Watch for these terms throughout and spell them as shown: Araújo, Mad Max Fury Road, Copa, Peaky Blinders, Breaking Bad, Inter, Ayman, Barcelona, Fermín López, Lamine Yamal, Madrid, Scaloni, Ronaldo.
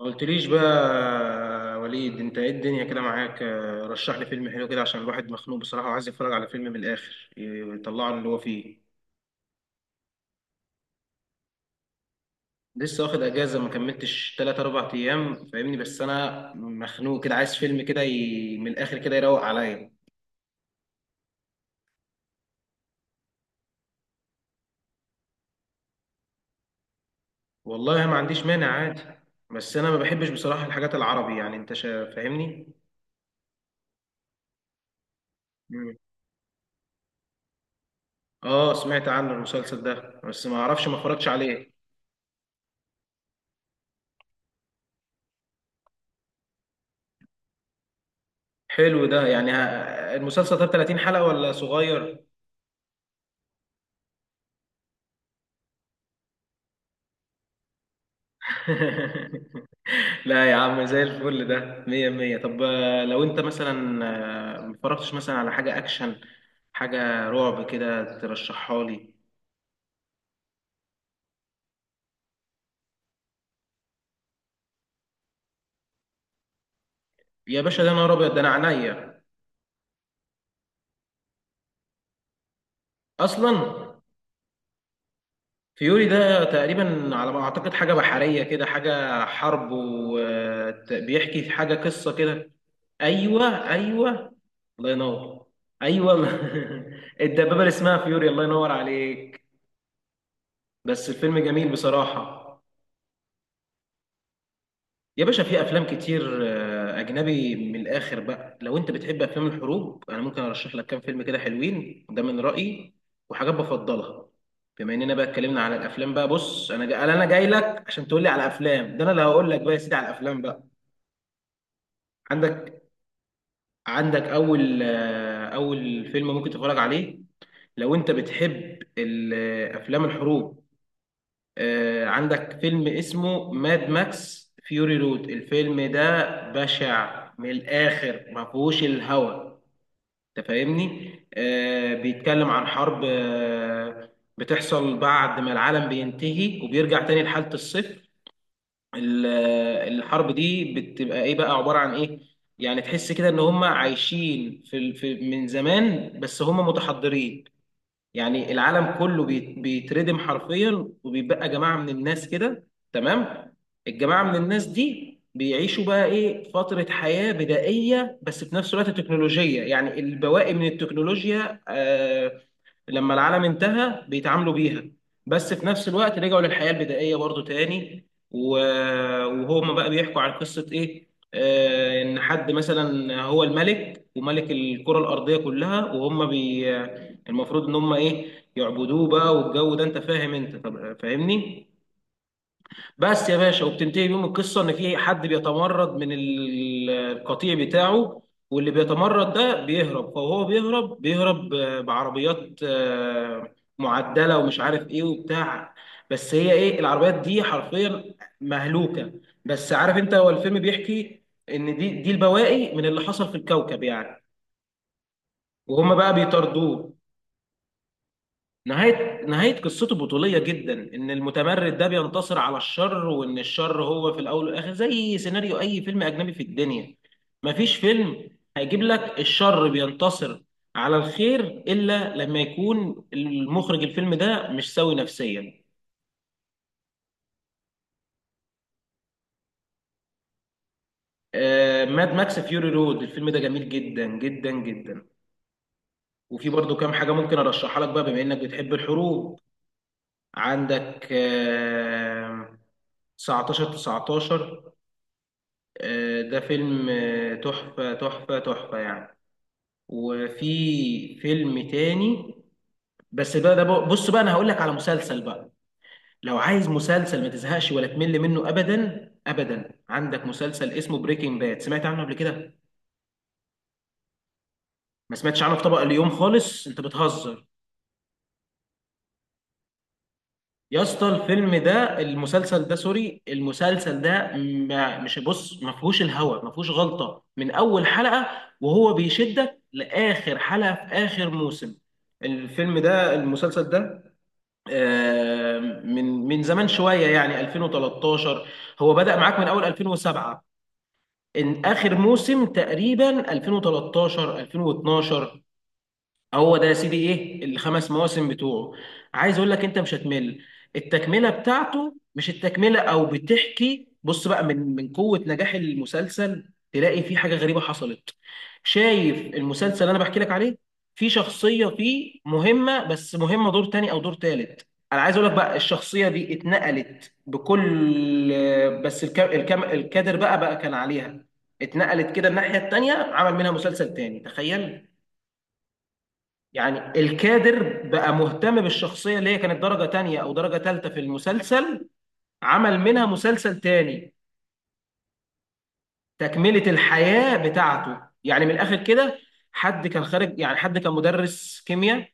ما قلتليش بقى يا وليد، انت ايه الدنيا كده معاك؟ رشح لي فيلم حلو كده عشان الواحد مخنوق بصراحة، وعايز يتفرج على فيلم من الآخر يطلعه اللي هو فيه. لسه واخد اجازة، ما كملتش 3 4 ايام، فاهمني؟ بس انا مخنوق كده، عايز فيلم كده من الآخر كده يروق عليا. والله ما عنديش مانع، عادي. بس انا ما بحبش بصراحة الحاجات العربي، يعني انت فاهمني. مم. اه، سمعت عنه المسلسل ده، بس ما اعرفش، ما اتفرجتش عليه. حلو ده، يعني المسلسل ده 30 حلقة ولا صغير؟ لا يا عم، زي الفل ده، مية مية. طب لو انت مثلا متفرجتش مثلا على حاجة اكشن، حاجة رعب كده، ترشحها لي. يا باشا ده نهار ابيض، ده انا عينيا اصلا. فيوري ده تقريبا على ما اعتقد حاجة بحرية كده، حاجة حرب، وبيحكي في حاجة قصة كده. ايوه، ايوه. الله ينور. ايوه. الدبابة اللي اسمها فيوري، الله ينور عليك. بس الفيلم جميل بصراحة. يا باشا في افلام كتير اجنبي من الاخر بقى. لو انت بتحب افلام الحروب، انا ممكن ارشح لك كام فيلم كده حلوين، ده من رايي وحاجات بفضلها. بما اننا بقى اتكلمنا على الافلام بقى، بص، انا جاي لك عشان تقول لي على افلام، ده انا اللي هقول لك بقى يا سيدي على الافلام بقى. عندك عندك اول فيلم ممكن تتفرج عليه. لو انت بتحب افلام الحروب، عندك فيلم اسمه ماد ماكس فيوري رود. الفيلم ده بشع من الآخر، ما فيهوش الهوى. انت فاهمني؟ بيتكلم عن حرب بتحصل بعد ما العالم بينتهي، وبيرجع تاني لحالة الصفر. الحرب دي بتبقى ايه بقى، عبارة عن ايه؟ يعني تحس كده ان هم عايشين من زمان، بس هم متحضرين. يعني العالم كله بيتردم حرفيا، وبيبقى جماعة من الناس كده. تمام. الجماعة من الناس دي بيعيشوا بقى ايه، فترة حياة بدائية، بس في نفس الوقت تكنولوجية، يعني البواقي من التكنولوجيا لما العالم انتهى بيتعاملوا بيها، بس في نفس الوقت رجعوا للحياة البدائية برضو تاني وهما بقى بيحكوا عن قصة ايه، ان حد مثلا هو الملك، وملك الكرة الأرضية كلها، وهم بي المفروض ان هم ايه، يعبدوه بقى. والجو ده انت فاهم انت، طب فاهمني؟ بس يا باشا، وبتنتهي بيهم القصه ان في حد بيتمرد القطيع بتاعه. واللي بيتمرد ده بيهرب، فهو بيهرب بعربيات معدله، ومش عارف ايه وبتاع. بس هي ايه العربيات دي حرفيا، مهلوكه. بس عارف انت، هو الفيلم بيحكي ان دي البواقي من اللي حصل في الكوكب يعني، وهم بقى بيطاردوه. نهاية قصته بطولية جدا، إن المتمرد ده بينتصر على الشر، وإن الشر هو في الأول والآخر زي سيناريو أي فيلم أجنبي في الدنيا. مفيش فيلم هيجيب لك الشر بينتصر على الخير، إلا لما يكون المخرج الفيلم ده مش سوي نفسيا. ماد ماكس فيوري رود، الفيلم ده جميل جدا جدا جدا. وفي برضو كام حاجة ممكن أرشحها لك بقى، بما إنك بتحب الحروب. عندك 19 19، ده فيلم تحفة تحفة تحفة يعني. وفي فيلم تاني، بس بص بقى، انا هقول لك على مسلسل بقى. لو عايز مسلسل ما تزهقش ولا تمل منه ابدا ابدا، عندك مسلسل اسمه بريكنج باد، سمعت عنه قبل كده؟ ما سمعتش عنه؟ في طبق اليوم خالص، انت بتهزر. يا اسطى الفيلم ده، المسلسل ده، سوري، المسلسل ده، ما مش، بص، ما فيهوش الهوا، ما فيهوش غلطة من أول حلقة، وهو بيشدك لآخر حلقة في آخر موسم. الفيلم ده المسلسل ده آه، من زمان شوية، يعني 2013. هو بدأ معاك من أول 2007، إن آخر موسم تقريبا 2013 2012. هو ده يا سيدي، ايه الخمس مواسم بتوعه. عايز اقول لك انت مش هتمل. التكمله بتاعته، مش التكمله او بتحكي، بص بقى، من قوه نجاح المسلسل تلاقي في حاجه غريبه حصلت. شايف المسلسل اللي انا بحكي لك عليه؟ في شخصيه فيه مهمه، بس مهمه دور تاني او دور تالت. انا عايز اقول لك بقى، الشخصيه دي اتنقلت بكل، بس الكادر بقى كان عليها، اتنقلت كده الناحيه التانيه، عمل منها مسلسل تاني، تخيل. يعني الكادر بقى مهتم بالشخصية اللي هي كانت درجة تانية أو درجة تالتة في المسلسل، عمل منها مسلسل تاني، تكملة الحياة بتاعته، يعني من الآخر كده. حد كان خارج، يعني حد كان مدرس كيمياء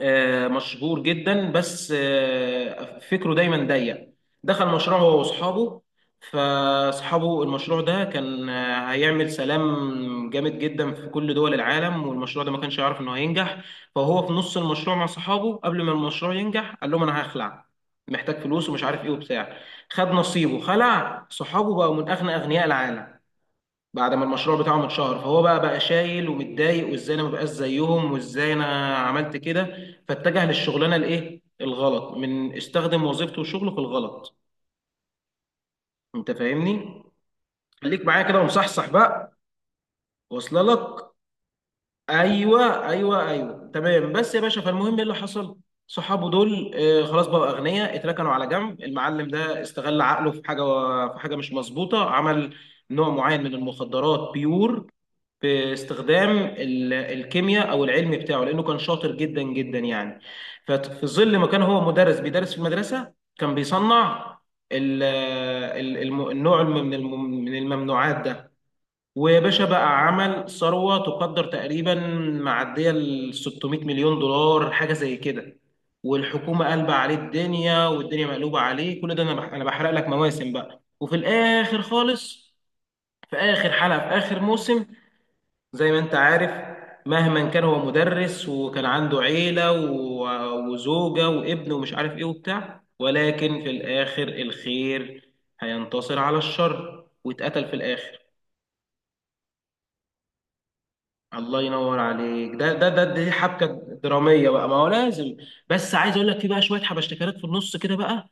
مشهور جدا، بس فكره دايما ضيق. دخل مشروع هو واصحابه، فاصحابه المشروع ده كان هيعمل سلام جامد جدا في كل دول العالم، والمشروع ده ما كانش يعرف انه هينجح، فهو في نص المشروع مع صحابه قبل ما المشروع ينجح قال لهم انا هخلع، محتاج فلوس، ومش عارف ايه وبتاع. خد نصيبه، خلع. صحابه بقوا من اغنى اغنياء العالم بعد ما المشروع بتاعهم اتشهر. فهو بقى شايل ومتضايق، وازاي انا ما بقاش زيهم، وازاي انا عملت كده، فاتجه للشغلانه الايه الغلط، من استخدم وظيفته وشغله في الغلط. انت فاهمني؟ خليك معايا كده ومصحصح بقى، واصله لك. ايوه، ايوه، ايوه، تمام. بس يا باشا، فالمهم ايه اللي حصل؟ صحابه دول خلاص بقوا اغنياء، اتركنوا على جنب. المعلم ده استغل عقله في حاجه، في حاجه مش مظبوطه. عمل نوع معين من المخدرات بيور، باستخدام الكيمياء او العلم بتاعه، لانه كان شاطر جدا جدا يعني. ففي ظل ما كان هو مدرس بيدرس في المدرسه، كان بيصنع النوع من الممنوعات ده. وباشا بقى عمل ثروه تقدر تقريبا معديه ال 600 مليون دولار، حاجه زي كده. والحكومه قلبه عليه الدنيا، والدنيا مقلوبه عليه. كل ده انا بحرق لك مواسم بقى، وفي الاخر خالص، في اخر حلقه في اخر موسم، زي ما انت عارف، مهما كان هو مدرس وكان عنده عيلة وزوجة وابن ومش عارف ايه وبتاع، ولكن في الآخر الخير هينتصر على الشر، واتقتل في الآخر. الله ينور عليك. ده ده ده دي حبكه دراميه بقى، ما هو لازم. بس عايز اقول لك، في بقى شويه حبشتكنات في النص كده بقى،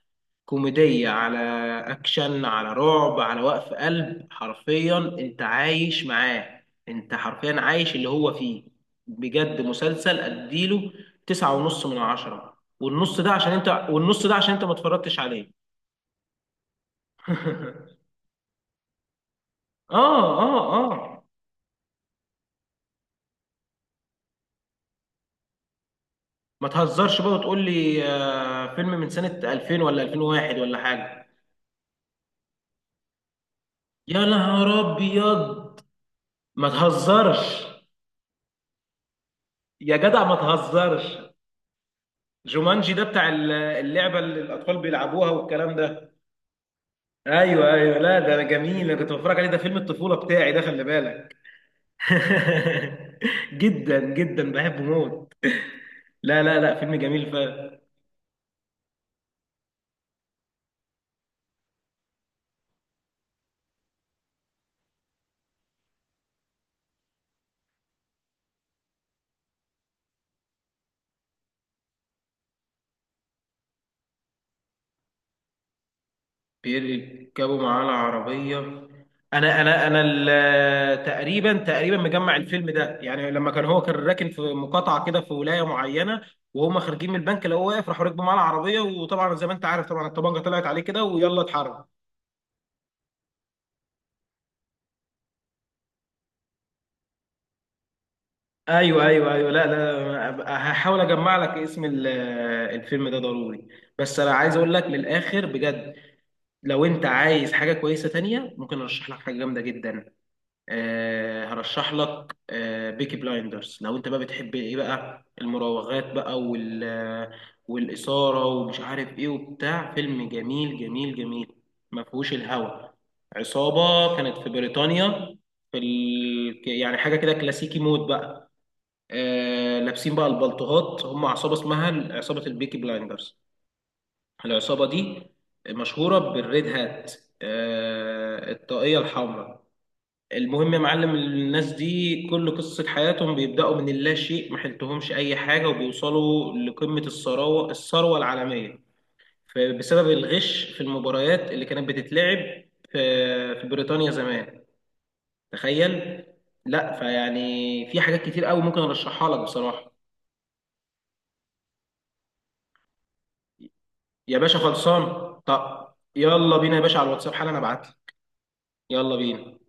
كوميديه على اكشن على رعب على وقف قلب، حرفيا انت عايش معاه، انت حرفيا عايش اللي هو فيه. بجد مسلسل، اديله تسعة ونص من عشرة، والنص ده عشان انت، والنص ده عشان انت ما اتفرجتش عليه. اه، اه، اه. ما تهزرش بقى وتقول لي فيلم من سنة 2000 ولا 2001 ولا حاجة. يا نهار ابيض، ما تهزرش، يا جدع ما تهزرش. جومانجي ده بتاع اللعبه اللي الاطفال بيلعبوها والكلام ده. ايوه، ايوه. لا ده انا جميل، انا كنت بتفرج عليه، ده فيلم الطفوله بتاعي، ده خلي بالك. جدا جدا بحبه موت. لا، لا، لا، فيلم جميل فعلا. بيركبوا معاه العربية. أنا تقريبا مجمع الفيلم ده، يعني لما هو كان راكن في مقاطعة كده، في ولاية معينة، وهم خارجين من البنك لقوه واقف، راحوا ركبوا معاه العربية، وطبعا زي ما أنت عارف، طبعا الطبانجة طلعت عليه كده، ويلا اتحرك. ايوه، ايوه، ايوه. لا، لا، هحاول اجمع لك اسم الفيلم ده ضروري. بس انا عايز اقول لك من الاخر بجد، لو انت عايز حاجه كويسه تانية، ممكن ارشح لك حاجه جامده جدا. هرشح لك بيكي بلايندرز. لو انت بقى بتحب ايه بقى، المراوغات بقى والاثاره، ومش عارف ايه وبتاع. فيلم جميل جميل جميل، ما فيهوش الهوى. عصابه كانت في بريطانيا، في يعني حاجه كده كلاسيكي مود بقى، لابسين بقى البلطوهات، هم عصابه اسمها عصابه البيكي بلايندرز. العصابه دي مشهوره بالريد هات، الطاقيه الحمراء. المهم يا معلم، الناس دي كل قصة حياتهم بيبدأوا من اللا شيء، ما حلتهمش أي حاجة، وبيوصلوا لقمة الثروة العالمية، بسبب الغش في المباريات اللي كانت بتتلعب في بريطانيا زمان، تخيل. لا فيعني في حاجات كتير قوي ممكن ارشحها لك بصراحة. يا باشا خلصان، طب يلا بينا يا باشا على الواتساب حالا، انا ابعت لك. يلا بينا.